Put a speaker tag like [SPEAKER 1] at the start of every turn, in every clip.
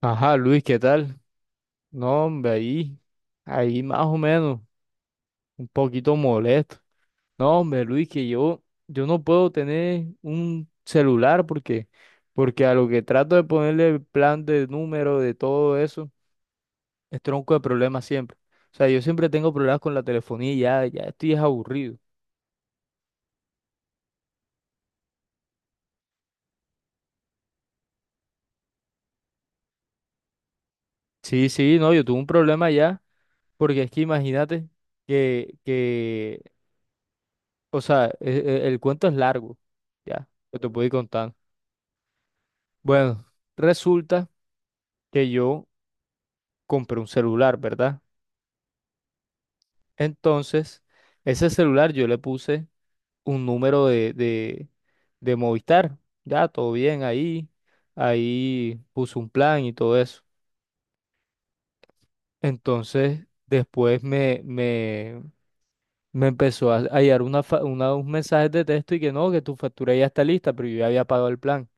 [SPEAKER 1] Ajá, Luis, ¿qué tal? No, hombre, ahí, ahí más o menos, un poquito molesto. No, hombre, Luis, que yo no puedo tener un celular porque a lo que trato de ponerle el plan de número, de todo eso, es tronco de problemas siempre. O sea, yo siempre tengo problemas con la telefonía y ya, ya estoy es aburrido. Sí, sí, no, yo tuve un problema ya, porque es que imagínate que, que, o sea, el, cuento es largo, ya, yo te puedo ir contando. Bueno, resulta que yo compré un celular, ¿verdad? Entonces, ese celular yo le puse un número de Movistar. Ya, todo bien ahí. Ahí puse un plan y todo eso. Entonces, me empezó a llegar un mensaje de texto y que no, que tu factura ya está lista, pero yo ya había pagado el plan.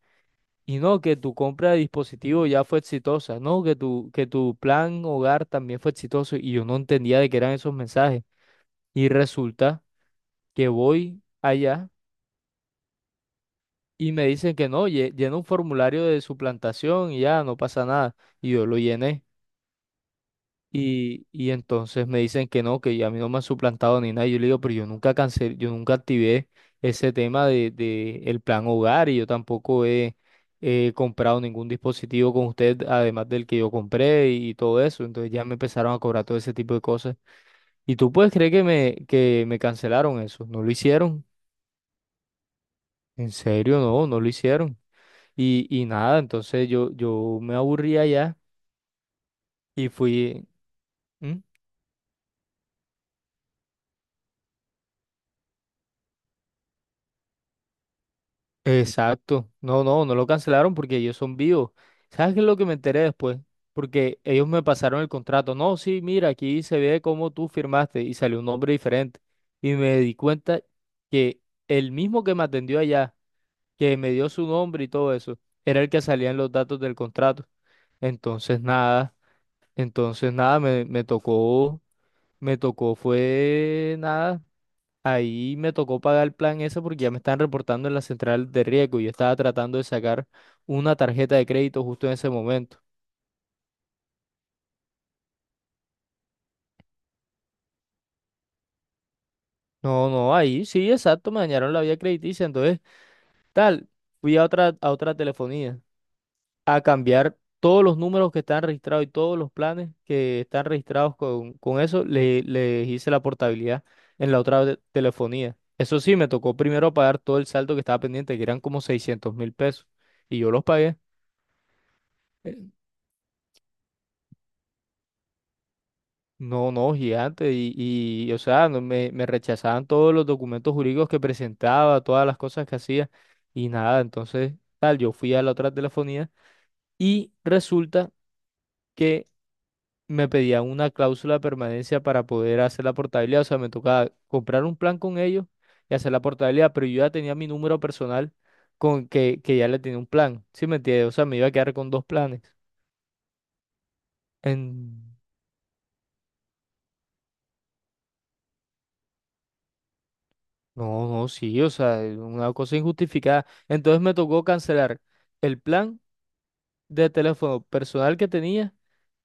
[SPEAKER 1] Y no, que tu compra de dispositivo ya fue exitosa, no, que tu plan hogar también fue exitoso y yo no entendía de qué eran esos mensajes. Y resulta que voy allá y me dicen que no, llena un formulario de suplantación y ya, no pasa nada. Y yo lo llené. Y entonces me dicen que no, que a mí no me han suplantado ni nada. Y yo le digo, pero yo nunca cancelé, yo nunca activé ese tema de el plan hogar y yo tampoco he, he comprado ningún dispositivo con usted, además del que yo compré y, todo eso. Entonces ya me empezaron a cobrar todo ese tipo de cosas. ¿Y tú puedes creer que me cancelaron eso? ¿No lo hicieron? En serio, no, no lo hicieron. Y nada, entonces yo me aburría ya y fui. ¿Mm? Exacto. No, no, no lo cancelaron porque ellos son vivos. ¿Sabes qué es lo que me enteré después? Porque ellos me pasaron el contrato. No, sí, mira, aquí se ve cómo tú firmaste y salió un nombre diferente. Y me di cuenta que el mismo que me atendió allá, que me dio su nombre y todo eso, era el que salía en los datos del contrato. Entonces nada, entonces nada, me tocó fue nada. Ahí me tocó pagar el plan ese porque ya me están reportando en la central de riesgo y yo estaba tratando de sacar una tarjeta de crédito justo en ese momento. No, no, ahí sí, exacto, me dañaron la vía crediticia. Entonces, tal, fui a otra telefonía a cambiar todos los números que están registrados y todos los planes que están registrados con eso, les hice la portabilidad en la otra telefonía. Eso sí, me tocó primero pagar todo el saldo que estaba pendiente, que eran como 600.000 pesos, y yo los pagué. No, no, gigante. O sea, no, me rechazaban todos los documentos jurídicos que presentaba, todas las cosas que hacía y nada. Entonces, tal, yo fui a la otra telefonía y resulta que me pedían una cláusula de permanencia para poder hacer la portabilidad. O sea, me tocaba comprar un plan con ellos y hacer la portabilidad, pero yo ya tenía mi número personal con que ya le tenía un plan. ¿Sí me entiendes? O sea, me iba a quedar con dos planes. No, no, sí, o sea, es una cosa injustificada. Entonces me tocó cancelar el plan de teléfono personal que tenía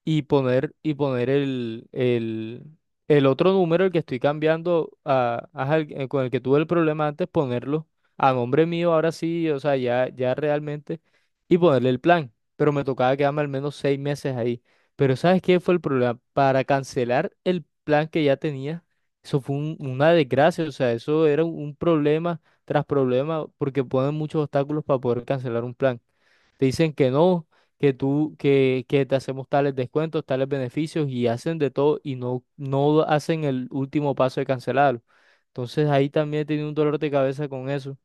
[SPEAKER 1] y poner el otro número, el que estoy cambiando a, ajá, con el que tuve el problema antes, ponerlo a nombre mío ahora sí, o sea, ya, ya realmente, y ponerle el plan. Pero me tocaba quedarme al menos 6 meses ahí. Pero ¿sabes qué fue el problema? Para cancelar el plan que ya tenía, eso fue una desgracia, o sea, eso era un problema tras problema, porque ponen muchos obstáculos para poder cancelar un plan. Te dicen que no, que te hacemos tales descuentos, tales beneficios y hacen de todo y no, no hacen el último paso de cancelarlo. Entonces ahí también he tenido un dolor de cabeza con eso.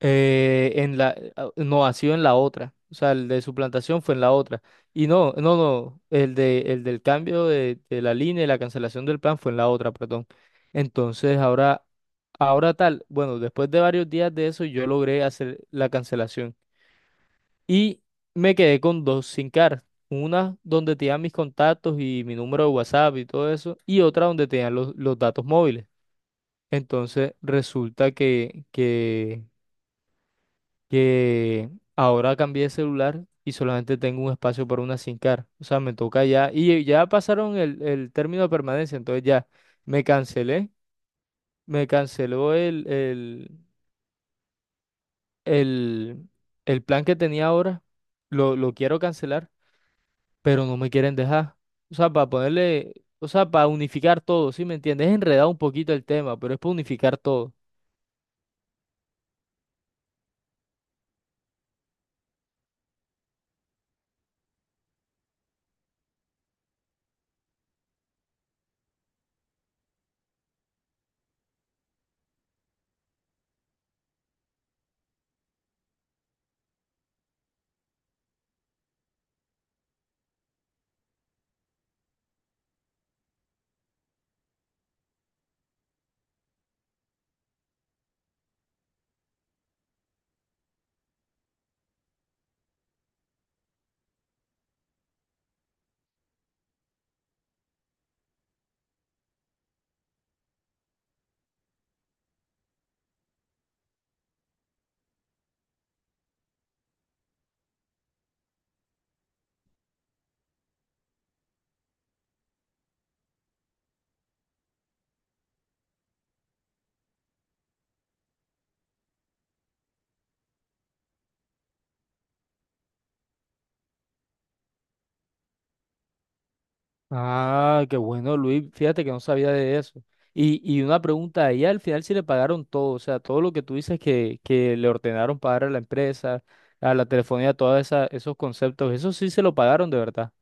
[SPEAKER 1] En la, ah, no, ha sido en la otra. O sea, el de suplantación fue en la otra. Y no, no, no, el de, el del cambio de la línea y la cancelación del plan fue en la otra, perdón. Entonces ahora, ahora tal, bueno, después de varios días de eso yo logré hacer la cancelación. Y me quedé con dos SIM cards. Una donde tenían mis contactos y mi número de WhatsApp y todo eso. Y otra donde tenían los datos móviles. Entonces resulta que ahora cambié de celular y solamente tengo un espacio para una SIM card. O sea, me toca ya. Y ya pasaron el término de permanencia. Entonces ya me cancelé. Me canceló el, el plan que tenía ahora. Lo quiero cancelar pero no me quieren dejar. O sea, para ponerle, o sea, para unificar todo, ¿sí me entiendes? Es enredado un poquito el tema, pero es para unificar todo. Ah, qué bueno, Luis, fíjate que no sabía de eso. Y una pregunta, ahí al final sí le pagaron todo, o sea, todo lo que tú dices que le ordenaron pagar a la empresa, a la telefonía, todos esos conceptos, eso sí se lo pagaron de verdad.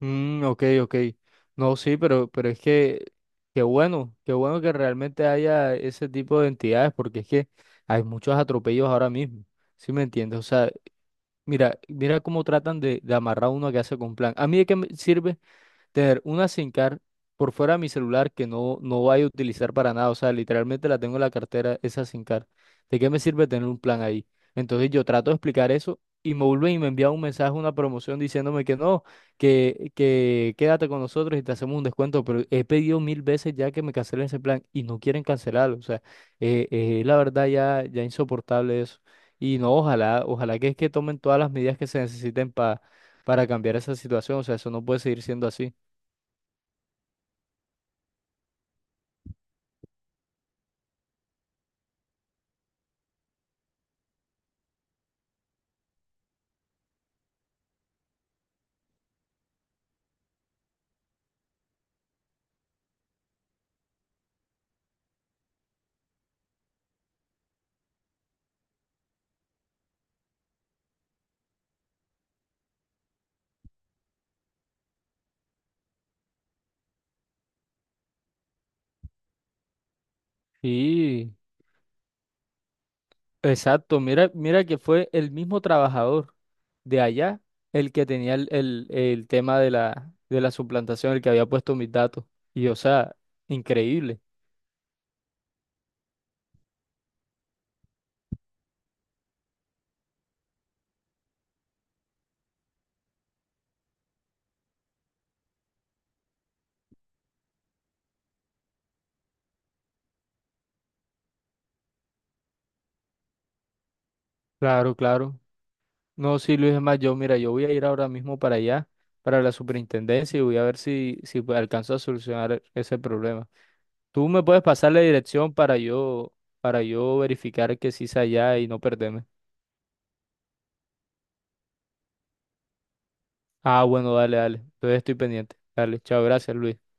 [SPEAKER 1] Mm, ok, ok. No, sí, pero es que, qué bueno que realmente haya ese tipo de entidades, porque es que hay muchos atropellos ahora mismo, ¿sí me entiendes? O sea, mira, mira cómo tratan de amarrar a uno a que hace con plan. ¿A mí de qué me sirve tener una SIM card por fuera de mi celular que no, no vaya a utilizar para nada? O sea, literalmente la tengo en la cartera, esa SIM card. ¿De qué me sirve tener un plan ahí? Entonces yo trato de explicar eso y me vuelven y me envían un mensaje, una promoción diciéndome que no, que quédate con nosotros y te hacemos un descuento. Pero he pedido 1.000 veces ya que me cancelen ese plan y no quieren cancelarlo. O sea, la verdad ya, ya insoportable eso. Y no, ojalá, ojalá que es que tomen todas las medidas que se necesiten para cambiar esa situación. O sea, eso no puede seguir siendo así. Sí, exacto. Mira, mira que fue el mismo trabajador de allá el que tenía el tema de la suplantación, el que había puesto mis datos. Y o sea, increíble. Claro, claro. No, sí, Luis, es más, yo, mira, yo voy a ir ahora mismo para allá, para la superintendencia, y voy a ver si, si pues, alcanzo a solucionar ese problema. Tú me puedes pasar la dirección para yo verificar que sí es allá y no perderme. Ah, bueno, dale, dale. Entonces estoy pendiente. Dale, chao, gracias, Luis.